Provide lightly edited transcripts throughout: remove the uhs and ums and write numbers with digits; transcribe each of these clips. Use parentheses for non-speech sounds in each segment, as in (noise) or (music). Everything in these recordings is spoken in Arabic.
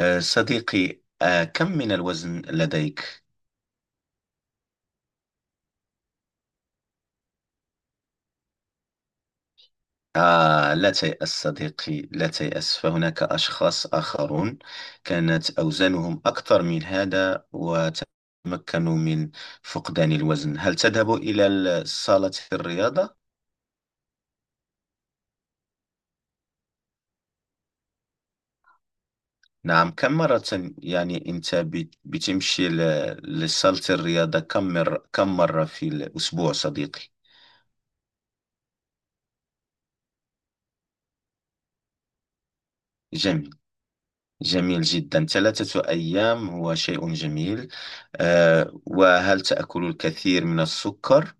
صديقي كم من الوزن لديك؟ لا تيأس صديقي، لا تيأس فهناك أشخاص آخرون كانت أوزانهم أكثر من هذا وتمكنوا من فقدان الوزن. هل تذهب إلى صالة الرياضة؟ نعم، كم مرة؟ يعني أنت بتمشي لصالة الرياضة كم مرة، كم مرة في الأسبوع صديقي؟ جميل، جميل جدا، ثلاثة أيام هو شيء جميل. وهل تأكل الكثير من السكر؟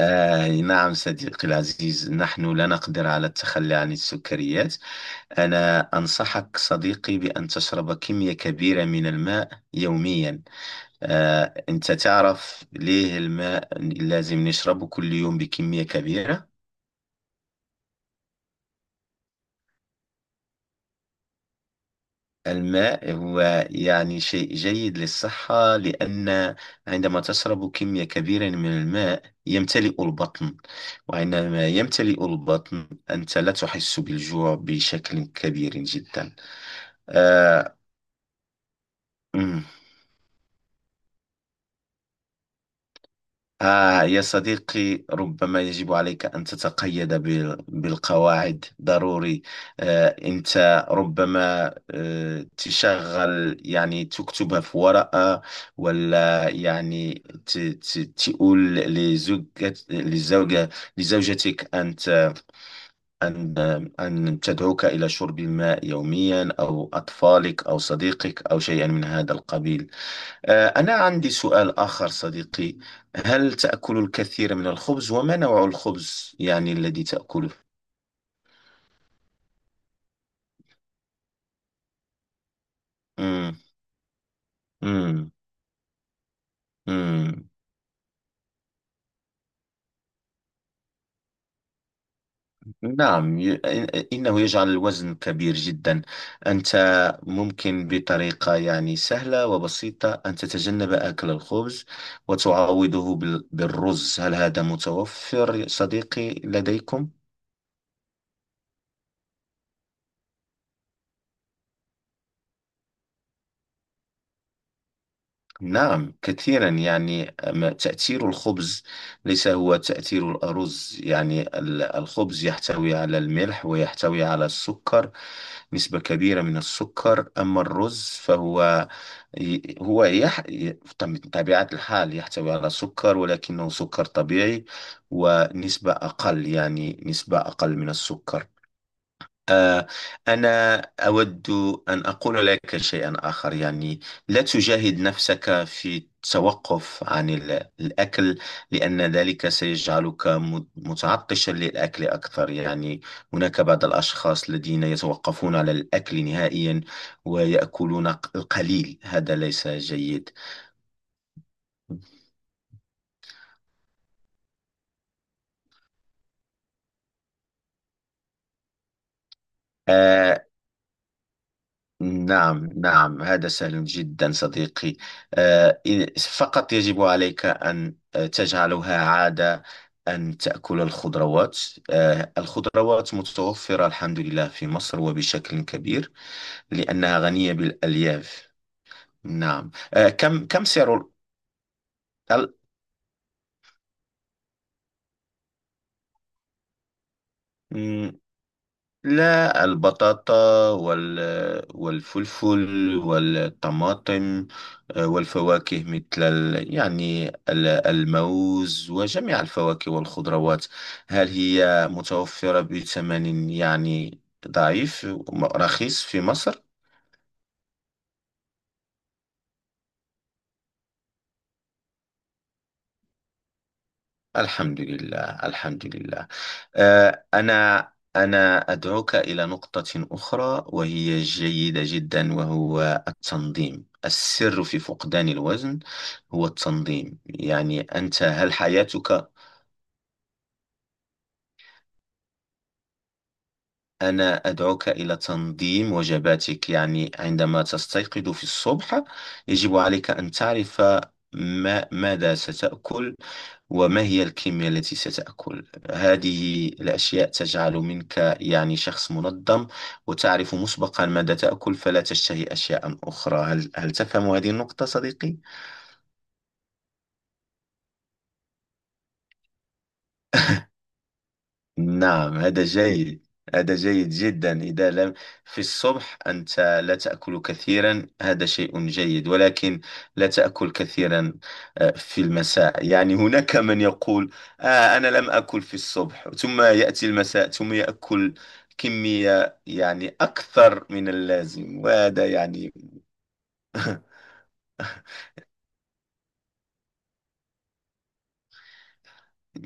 نعم صديقي العزيز، نحن لا نقدر على التخلي عن السكريات. أنا أنصحك صديقي بأن تشرب كمية كبيرة من الماء يوميا. أنت تعرف ليه الماء لازم نشربه كل يوم بكمية كبيرة؟ الماء هو يعني شيء جيد للصحة، لأن عندما تشرب كمية كبيرة من الماء يمتلئ البطن، وعندما يمتلئ البطن أنت لا تحس بالجوع بشكل كبير جدا. آه، أمم. يا صديقي، ربما يجب عليك أن تتقيد بالقواعد ضروري. أنت ربما تشغل يعني تكتبها في ورقة، ولا يعني ت- ت- تقول لزوجة لزوجة لزوجتك أن أن أن تدعوك إلى شرب الماء يوميا، أو أطفالك أو صديقك أو شيئا من هذا القبيل. أنا عندي سؤال آخر صديقي، هل تأكل الكثير من الخبز، وما نوع الخبز يعني الذي تأكله؟ مم. مم. مم. نعم، إنه يجعل الوزن كبير جدا. أنت ممكن بطريقة يعني سهلة وبسيطة أن تتجنب أكل الخبز وتعوضه بالرز. هل هذا متوفر صديقي لديكم؟ نعم كثيرا. يعني أما تأثير الخبز ليس هو تأثير الأرز، يعني الخبز يحتوي على الملح ويحتوي على السكر، نسبة كبيرة من السكر. أما الرز فهو ي- هو يح... ي- طب- بطبيعة الحال يحتوي على سكر، ولكنه سكر طبيعي، ونسبة أقل، يعني نسبة أقل من السكر. آه، أنا أود أن أقول لك شيئا آخر، يعني لا تجاهد نفسك في التوقف عن الأكل، لأن ذلك سيجعلك متعطشا للأكل أكثر يعني. هناك بعض الأشخاص الذين يتوقفون على الأكل نهائيا، ويأكلون القليل. هذا ليس جيد. آه، نعم نعم، هذا سهل جدا صديقي. فقط يجب عليك أن تجعلها عادة أن تأكل الخضروات. الخضروات متوفرة الحمد لله في مصر وبشكل كبير، لأنها غنية بالألياف. نعم كم سعر ال- لا، البطاطا والفلفل والطماطم، والفواكه مثل الموز وجميع الفواكه والخضروات. هل هي متوفرة بثمن يعني ضعيف، رخيص في مصر؟ الحمد لله، الحمد لله. أنا أدعوك إلى نقطة أخرى وهي جيدة جدا، وهو التنظيم. السر في فقدان الوزن هو التنظيم. يعني أنت، هل حياتك؟ أنا أدعوك إلى تنظيم وجباتك، يعني عندما تستيقظ في الصبح يجب عليك أن تعرف ما ماذا ستأكل، وما هي الكمية التي ستأكل. هذه الأشياء تجعل منك يعني شخص منظم، وتعرف مسبقا ماذا تأكل فلا تشتهي أشياء أخرى. هل تفهم هذه النقطة صديقي؟ نعم هذا جيد، هذا جيد جدا. إذا لم في الصبح أنت لا تأكل كثيرا، هذا شيء جيد، ولكن لا تأكل كثيرا في المساء. يعني هناك من يقول أنا لم أكل في الصبح، ثم يأتي المساء ثم يأكل كمية يعني أكثر من اللازم، وهذا يعني (laughs)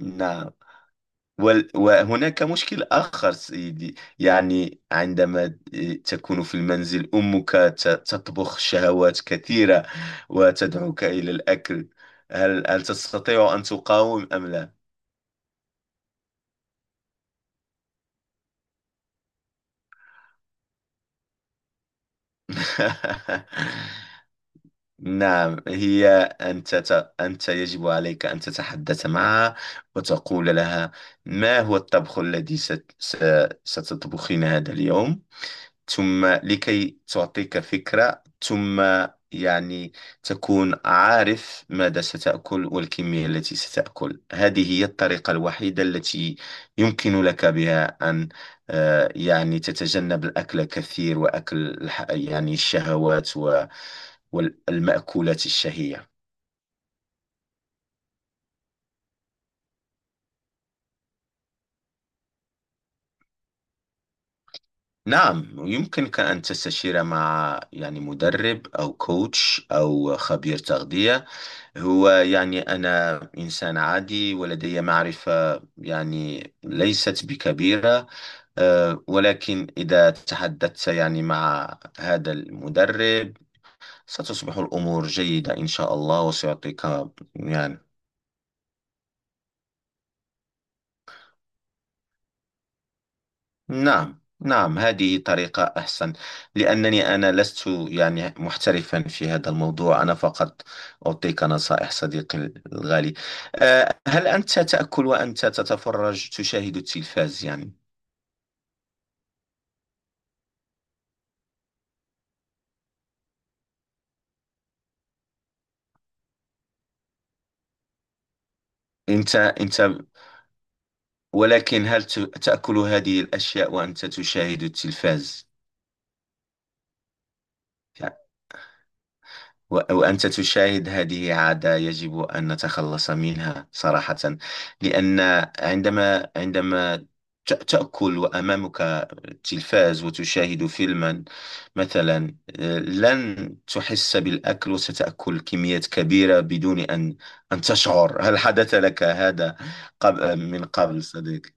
نعم. وهناك مشكل آخر سيدي، يعني عندما تكون في المنزل أمك تطبخ شهوات كثيرة وتدعوك إلى الأكل. هل تستطيع أن تقاوم أم لا؟ (laughs) نعم، هي أنت يجب عليك أن تتحدث معها وتقول لها: ما هو الطبخ الذي ستطبخين هذا اليوم؟ ثم لكي تعطيك فكرة، ثم يعني تكون عارف ماذا ستأكل والكمية التي ستأكل. هذه هي الطريقة الوحيدة التي يمكن لك بها أن يعني تتجنب الأكل كثير وأكل يعني الشهوات والمأكولات الشهية. نعم يمكنك أن تستشير مع يعني مدرب أو كوتش أو خبير تغذية. هو يعني أنا إنسان عادي، ولدي معرفة يعني ليست بكبيرة، ولكن إذا تحدثت يعني مع هذا المدرب ستصبح الأمور جيدة إن شاء الله، وسيعطيك يعني. نعم نعم، هذه طريقة أحسن، لأنني أنا لست يعني محترفا في هذا الموضوع، أنا فقط أعطيك نصائح صديقي الغالي. هل أنت تأكل وأنت تتفرج، تشاهد التلفاز يعني؟ أنت ولكن هل تأكل هذه الأشياء وأنت تشاهد التلفاز يعني؟ وأنت تشاهد. هذه عادة يجب أن نتخلص منها صراحة، لأن عندما عندما تأكل وأمامك التلفاز وتشاهد فيلما مثلا، لن تحس بالأكل وستأكل كميات كبيرة بدون أن أن تشعر. هل حدث لك هذا قبل، من قبل صديقي؟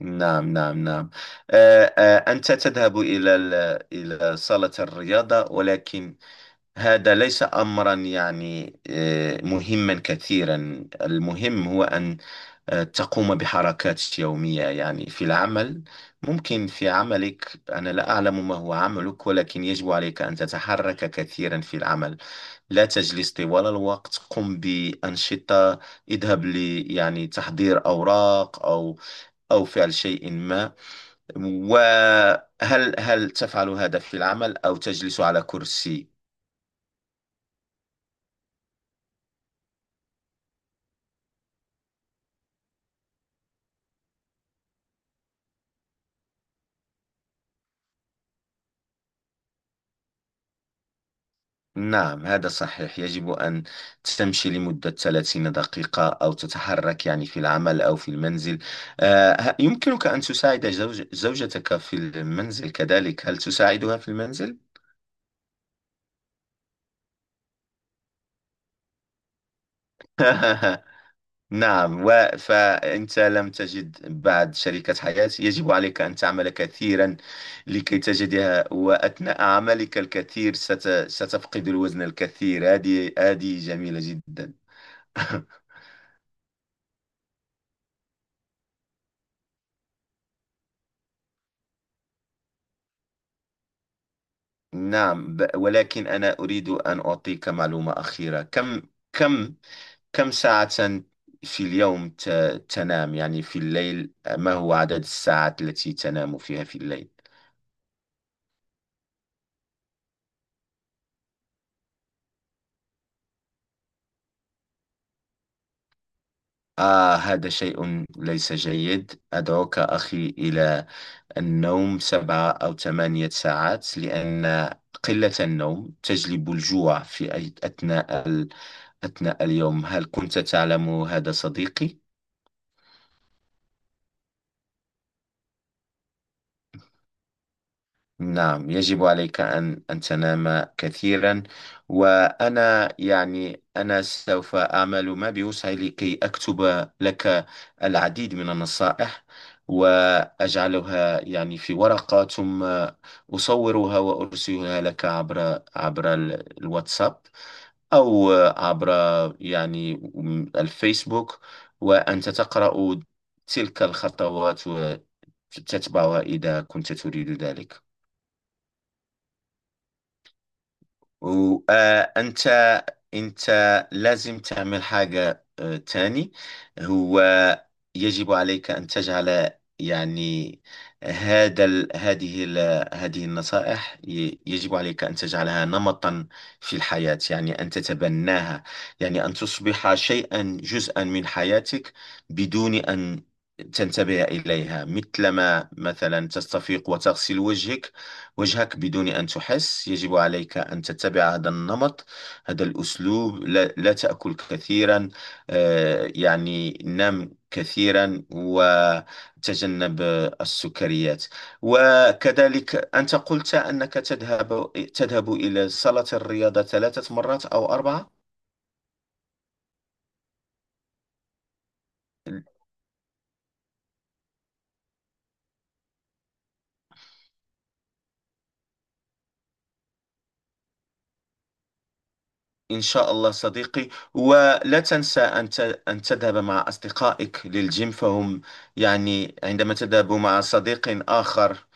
نعم نعم نعم. أنت تذهب إلى إلى صالة الرياضة، ولكن هذا ليس أمرا يعني مهما كثيرا. المهم هو أن تقوم بحركات يومية يعني في العمل. ممكن في عملك، أنا لا أعلم ما هو عملك، ولكن يجب عليك أن تتحرك كثيرا في العمل، لا تجلس طوال الوقت. قم بأنشطة، اذهب ل يعني تحضير أوراق أو أو فعل شيء ما. وهل تفعل هذا في العمل أو تجلس على كرسي؟ نعم هذا صحيح، يجب أن تمشي لمدة 30 دقيقة أو تتحرك يعني في العمل أو في المنزل. يمكنك أن تساعد زوجتك في المنزل كذلك. هل تساعدها في المنزل؟ (laughs) نعم، فأنت لم تجد بعد شريكة حياة. يجب عليك أن تعمل كثيرا لكي تجدها، وأثناء عملك الكثير ستفقد الوزن الكثير. هذه جميلة جدا. (laughs) نعم ولكن أنا أريد أن أعطيك معلومة أخيرة. كم كم ساعة في اليوم تنام يعني في الليل؟ ما هو عدد الساعات التي تنام فيها في الليل؟ هذا شيء ليس جيد. أدعوك أخي إلى النوم سبعة أو ثمانية ساعات، لأن قلة النوم تجلب الجوع في أثناء أثناء اليوم. هل كنت تعلم هذا صديقي؟ نعم يجب عليك أن تنام كثيرا. وأنا يعني أنا سوف أعمل ما بوسعي لكي أكتب لك العديد من النصائح، وأجعلها يعني في ورقة، ثم أصورها وأرسلها لك عبر الواتساب، أو عبر يعني الفيسبوك، وأنت تقرأ تلك الخطوات وتتبعها إذا كنت تريد ذلك. وأنت، أنت لازم تعمل حاجة تاني. هو يجب عليك أن تجعل يعني هذا ال- هذه ال- هذه النصائح، يجب عليك أن تجعلها نمطا في الحياة، يعني أن تتبناها، يعني أن تصبح شيئا، جزءا من حياتك، بدون أن تنتبه إليها، مثلما مثلا تستفيق وتغسل وجهك، بدون أن تحس. يجب عليك أن تتبع هذا النمط، هذا الأسلوب. لا تأكل كثيرا، يعني نم كثيرا وتجنب السكريات. وكذلك أنت قلت أنك تذهب إلى صالة الرياضة ثلاثة مرات أو أربعة. إن شاء الله صديقي، ولا تنسى أن أن تذهب مع أصدقائك للجيم، فهم يعني عندما تذهب مع صديق آخر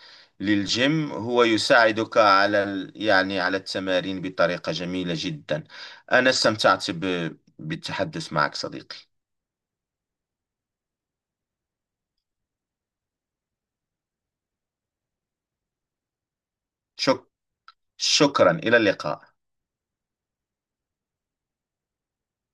للجيم هو يساعدك على يعني على التمارين بطريقة جميلة جدا. أنا استمتعت بالتحدث معك صديقي. شك شكرا، إلى اللقاء.